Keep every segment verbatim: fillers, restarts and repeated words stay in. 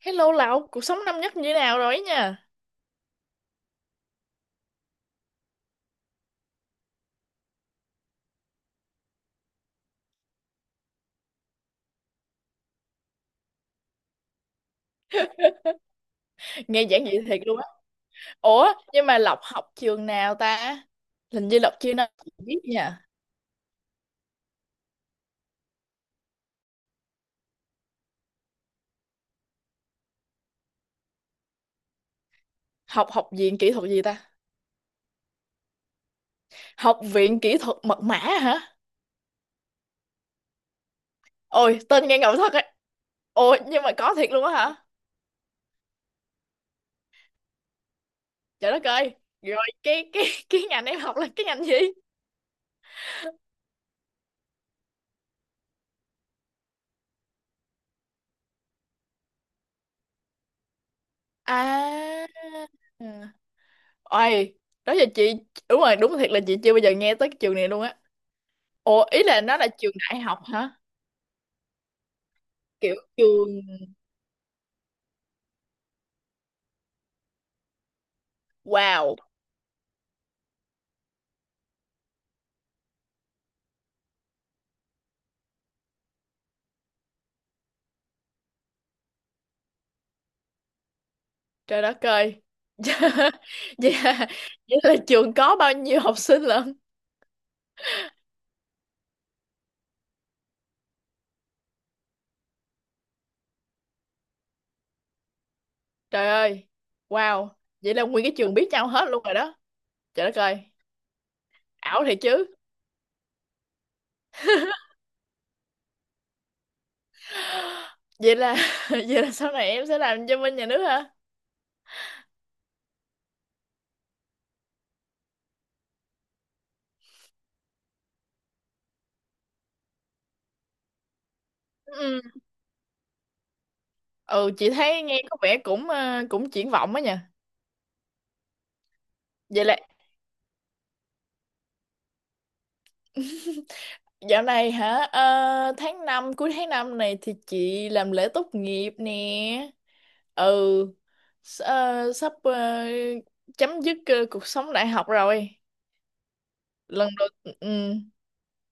Hello Lộc, cuộc sống năm nhất như thế nào rồi ấy nha? Nghe giản dị thiệt luôn á. Ủa, nhưng mà Lộc học trường nào ta? Hình như Lộc chưa nói biết nha. Học học viện kỹ thuật gì ta? Học viện kỹ thuật mật mã hả? Ôi, tên nghe ngầu thật ấy. Ôi, nhưng mà có thiệt luôn á hả? Trời đất ơi. Rồi cái cái cái ngành em học là cái ngành gì? À. Ừ. Ôi, đó giờ chị đúng rồi, đúng thiệt là chị chưa bao giờ nghe tới cái trường này luôn á. Ủa, ý là nó là trường đại học hả? Kiểu trường. Wow. Trời đất ơi. Vậy là, vậy là trường có bao nhiêu học sinh lận? Trời ơi. Wow. Vậy là nguyên cái trường biết nhau hết luôn rồi đó. Trời đất ơi. Ảo thiệt chứ. Vậy là vậy là sau này em sẽ làm cho bên nhà nước hả? Ừ. Ừ, chị thấy nghe có vẻ cũng ờ, cũng triển vọng á nha. Vậy là dạo này hả? Ờ, tháng năm cuối tháng năm này thì chị làm lễ tốt nghiệp nè. Ừ. S- ờ, sắp ờ, chấm dứt ờ, cuộc sống đại học rồi. lần đầu ừm,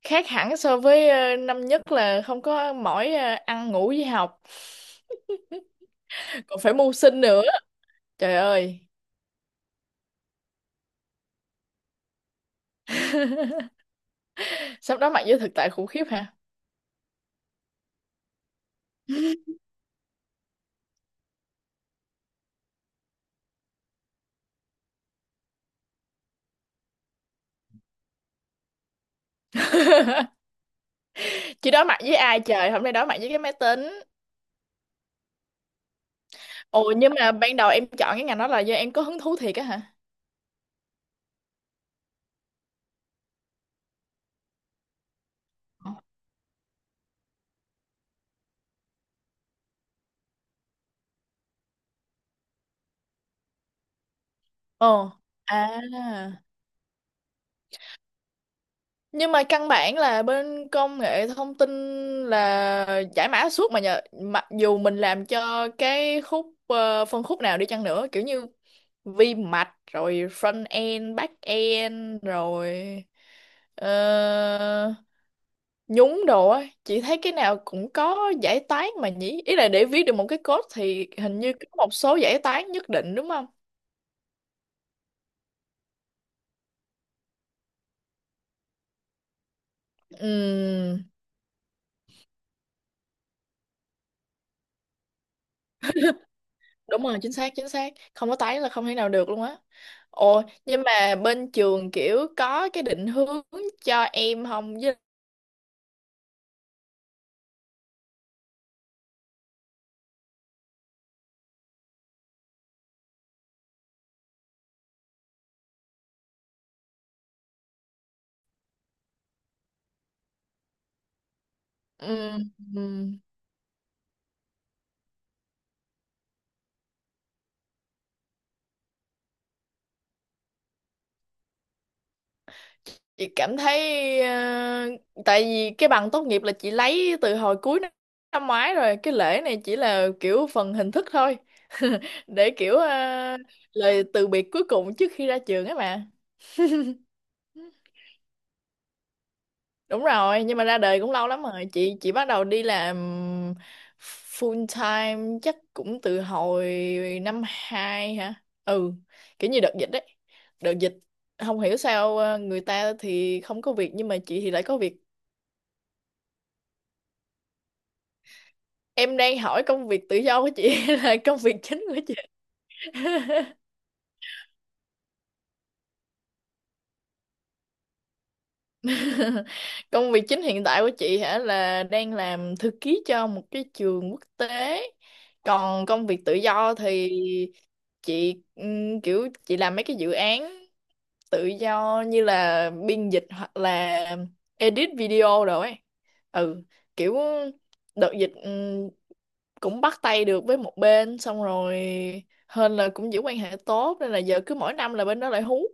khác hẳn so với ờ, năm nhất là không có mỏi ờ, ăn ngủ với học còn phải mưu sinh nữa. Trời ơi. Sắp đối mặt với thực tại khủng khiếp hả? Chị đối mặt với ai trời, hôm nay đối mặt với cái máy tính. Ồ, nhưng mà ban đầu em chọn cái ngành đó là do em có hứng thú thiệt á hả? Ồ. À. Nhưng mà căn bản là bên công nghệ thông tin là giải mã suốt mà nhờ, mặc dù mình làm cho cái khúc ờ, phân khúc nào đi chăng nữa, kiểu như vi mạch rồi front end back end rồi ờ, nhúng đồ á, chị thấy cái nào cũng có giải toán mà nhỉ, ý là để viết được một cái code thì hình như có một số giải toán nhất định đúng không? Ừm, đúng rồi, chính xác, chính xác, không có tái là không thể nào được luôn á. Ồ, nhưng mà bên trường kiểu có cái định hướng cho em không với? Ừm. Ừm. Chị cảm thấy ờ, tại vì cái bằng tốt nghiệp là chị lấy từ hồi cuối năm năm ngoái rồi, cái lễ này chỉ là kiểu phần hình thức thôi. Để kiểu ờ, lời từ biệt cuối cùng trước khi ra trường ấy mà. Đúng rồi, nhưng mà ra đời cũng lâu lắm rồi. Chị chị bắt đầu đi làm full time chắc cũng từ hồi năm hai hả? Ừ, kiểu như đợt dịch đấy. Đợt dịch không hiểu sao ờ, người ta thì không có việc nhưng mà chị thì lại có việc. Em đang hỏi công việc tự do của chị hay là công việc chính của chị? Công việc chính hiện tại của chị hả là đang làm thư ký cho một cái trường quốc tế. Còn công việc tự do thì chị ừm, kiểu chị làm mấy cái dự án tự do như là biên dịch hoặc là edit video rồi ấy. Ừ, kiểu đợt dịch ừm, cũng bắt tay được với một bên xong rồi, hên là cũng giữ quan hệ tốt nên là giờ cứ mỗi năm là bên đó lại hú.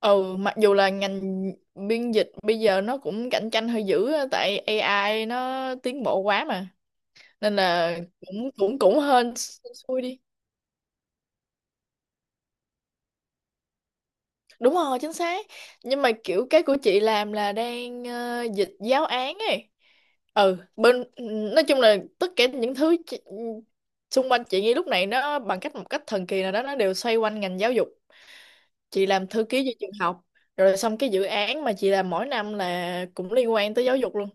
Ừ, mặc dù là ngành biên dịch bây giờ nó cũng cạnh tranh hơi dữ á, tại a i nó tiến bộ quá mà, nên là cũng cũng cũng hên xui đi. Đúng rồi, chính xác. Nhưng mà kiểu cái của chị làm là đang ờ, dịch giáo án ấy. Ừ, bên nói chung là tất cả những thứ chị- xung quanh chị ngay lúc này nó bằng cách một cách thần kỳ nào đó nó đều xoay quanh ngành giáo dục. Chị làm thư ký cho trường học rồi xong cái dự án mà chị làm mỗi năm là cũng liên quan tới giáo dục luôn.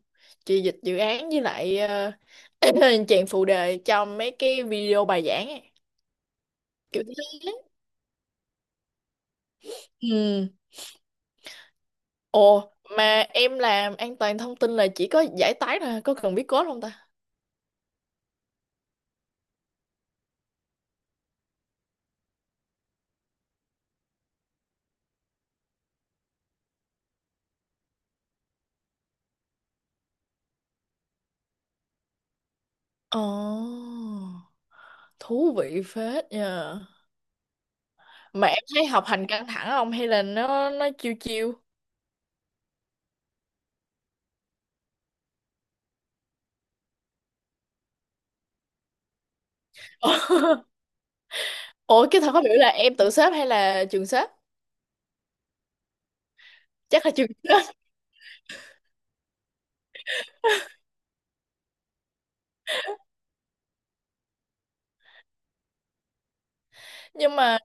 Chị dịch dự án với lại uh, chèn phụ đề cho mấy cái video bài giảng ấy. Kiểu thế. Ừ. Ồ, mà em làm an toàn thông tin là chỉ có giải tán thôi, có cần biết code không ta? Ồ, thú vị phết nha. Mà em thấy học hành căng thẳng không hay là nó nó chiêu chiêu? Ủa, cái thật không hiểu là em tự xếp hay là trường xếp? Chắc là trường xếp. nhưng mà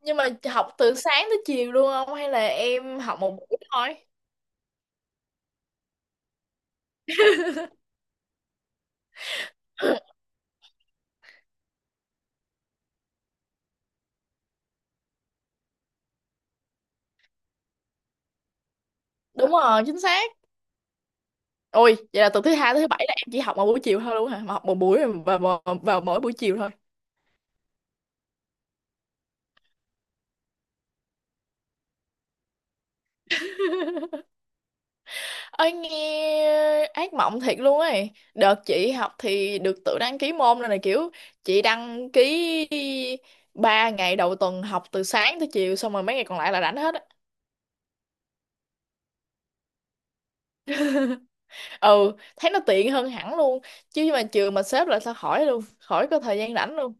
nhưng mà học từ sáng tới chiều luôn không hay là em học một buổi thôi? Đúng rồi, chính xác. Ôi, vậy là từ thứ hai tới thứ bảy là em chỉ học một buổi chiều thôi luôn hả, mà học một buổi và vào, vào mỗi buổi chiều thôi? Ơi, nghe ác mộng thiệt luôn ấy. Đợt chị học thì được tự đăng ký môn rồi này, kiểu chị đăng ký ba ngày đầu tuần học từ sáng tới chiều xong rồi mấy ngày còn lại là rảnh hết á. Ừ, thấy nó tiện hơn hẳn luôn. Chứ mà trường mà xếp lại sao khỏi luôn, khỏi có thời gian rảnh luôn.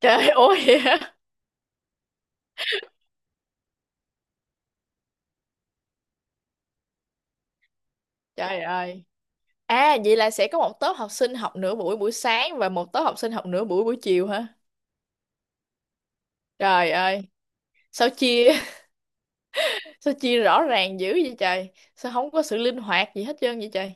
Trời ơi. Trời ơi. À, vậy là sẽ có một tốp học sinh học nửa buổi buổi sáng và một tốp học sinh học nửa buổi buổi chiều hả? Trời ơi. Sao chia sao chia rõ ràng dữ vậy trời? Sao không có sự linh hoạt gì hết trơn vậy trời?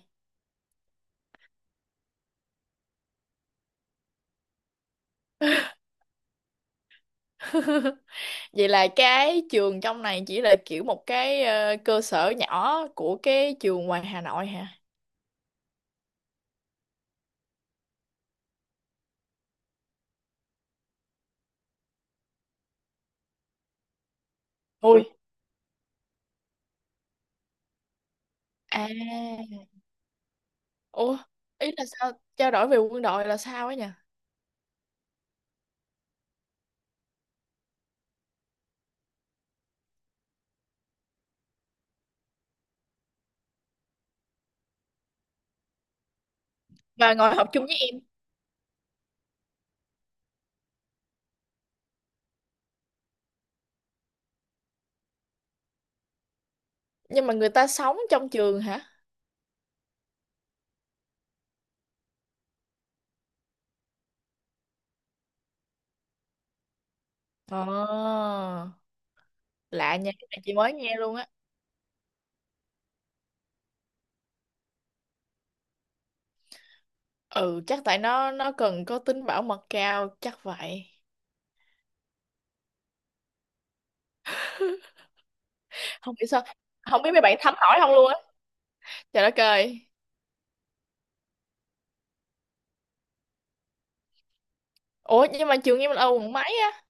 Vậy là cái trường trong này chỉ là kiểu một cái ờ, cơ sở nhỏ của cái trường ngoài Hà Nội hả? Ui. À. Ủa, ý là sao trao đổi về quân đội là sao ấy nhỉ? Và ngồi học chung với em. Nhưng mà người ta sống trong trường hả? Ờ. Lạ nha, cái này chị mới nghe luôn á. Ừ, chắc tại nó nó cần có tính bảo mật cao chắc vậy. Không biết sao, không biết mấy bạn thấm hỏi không luôn á. Trời đất ơi. Ủa, nhưng mà trường em là ở quận mấy á?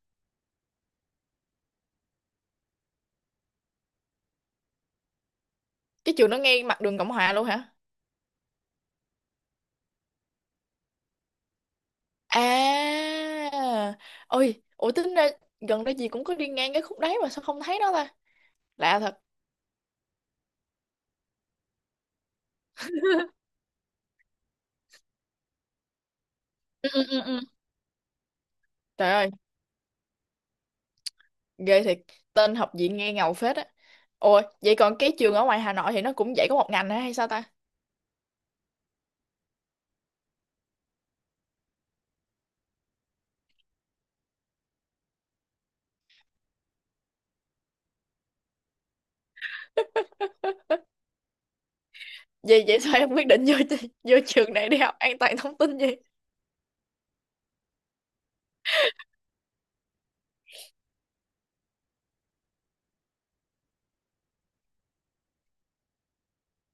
Cái trường nó ngay mặt đường Cộng Hòa luôn hả? À. Ôi, ủa tính ra gần đây gì cũng có đi ngang cái khúc đấy mà sao không thấy nó ta? Lạ thật. Ừ, ừ, ừ, ừ. Trời ơi. Ghê thiệt. Tên học viện nghe ngầu phết á. Ủa, vậy còn cái trường ở ngoài Hà Nội thì nó cũng dạy có một ngành hả hay sao ta? Vậy vậy sao em quyết định vô vô trường này đi học an toàn thông tin vậy?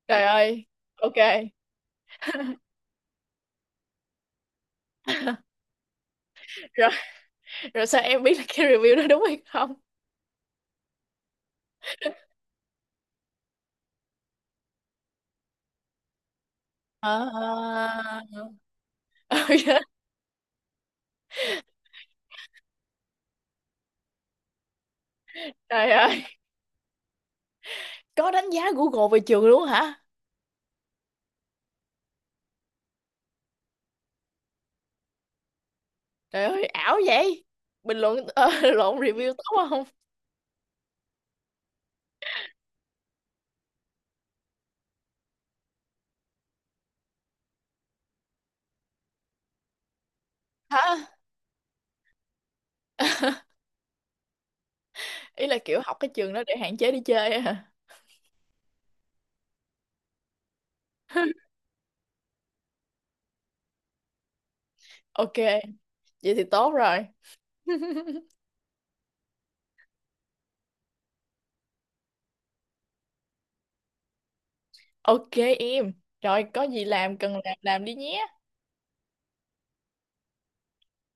Trời ơi. Ok. Rồi, rồi, sao em biết là cái review đó đúng hay không? À, ok. Trời ơi, có đánh giá Google về trường luôn hả? Trời ơi, ảo vậy. Bình luận ờ, lộn, review tốt không hả? Ý là kiểu học cái trường đó để hạn chế đi chơi á hả? Ok, vậy thì tốt rồi. Ok em, rồi có gì làm cần làm làm đi nhé.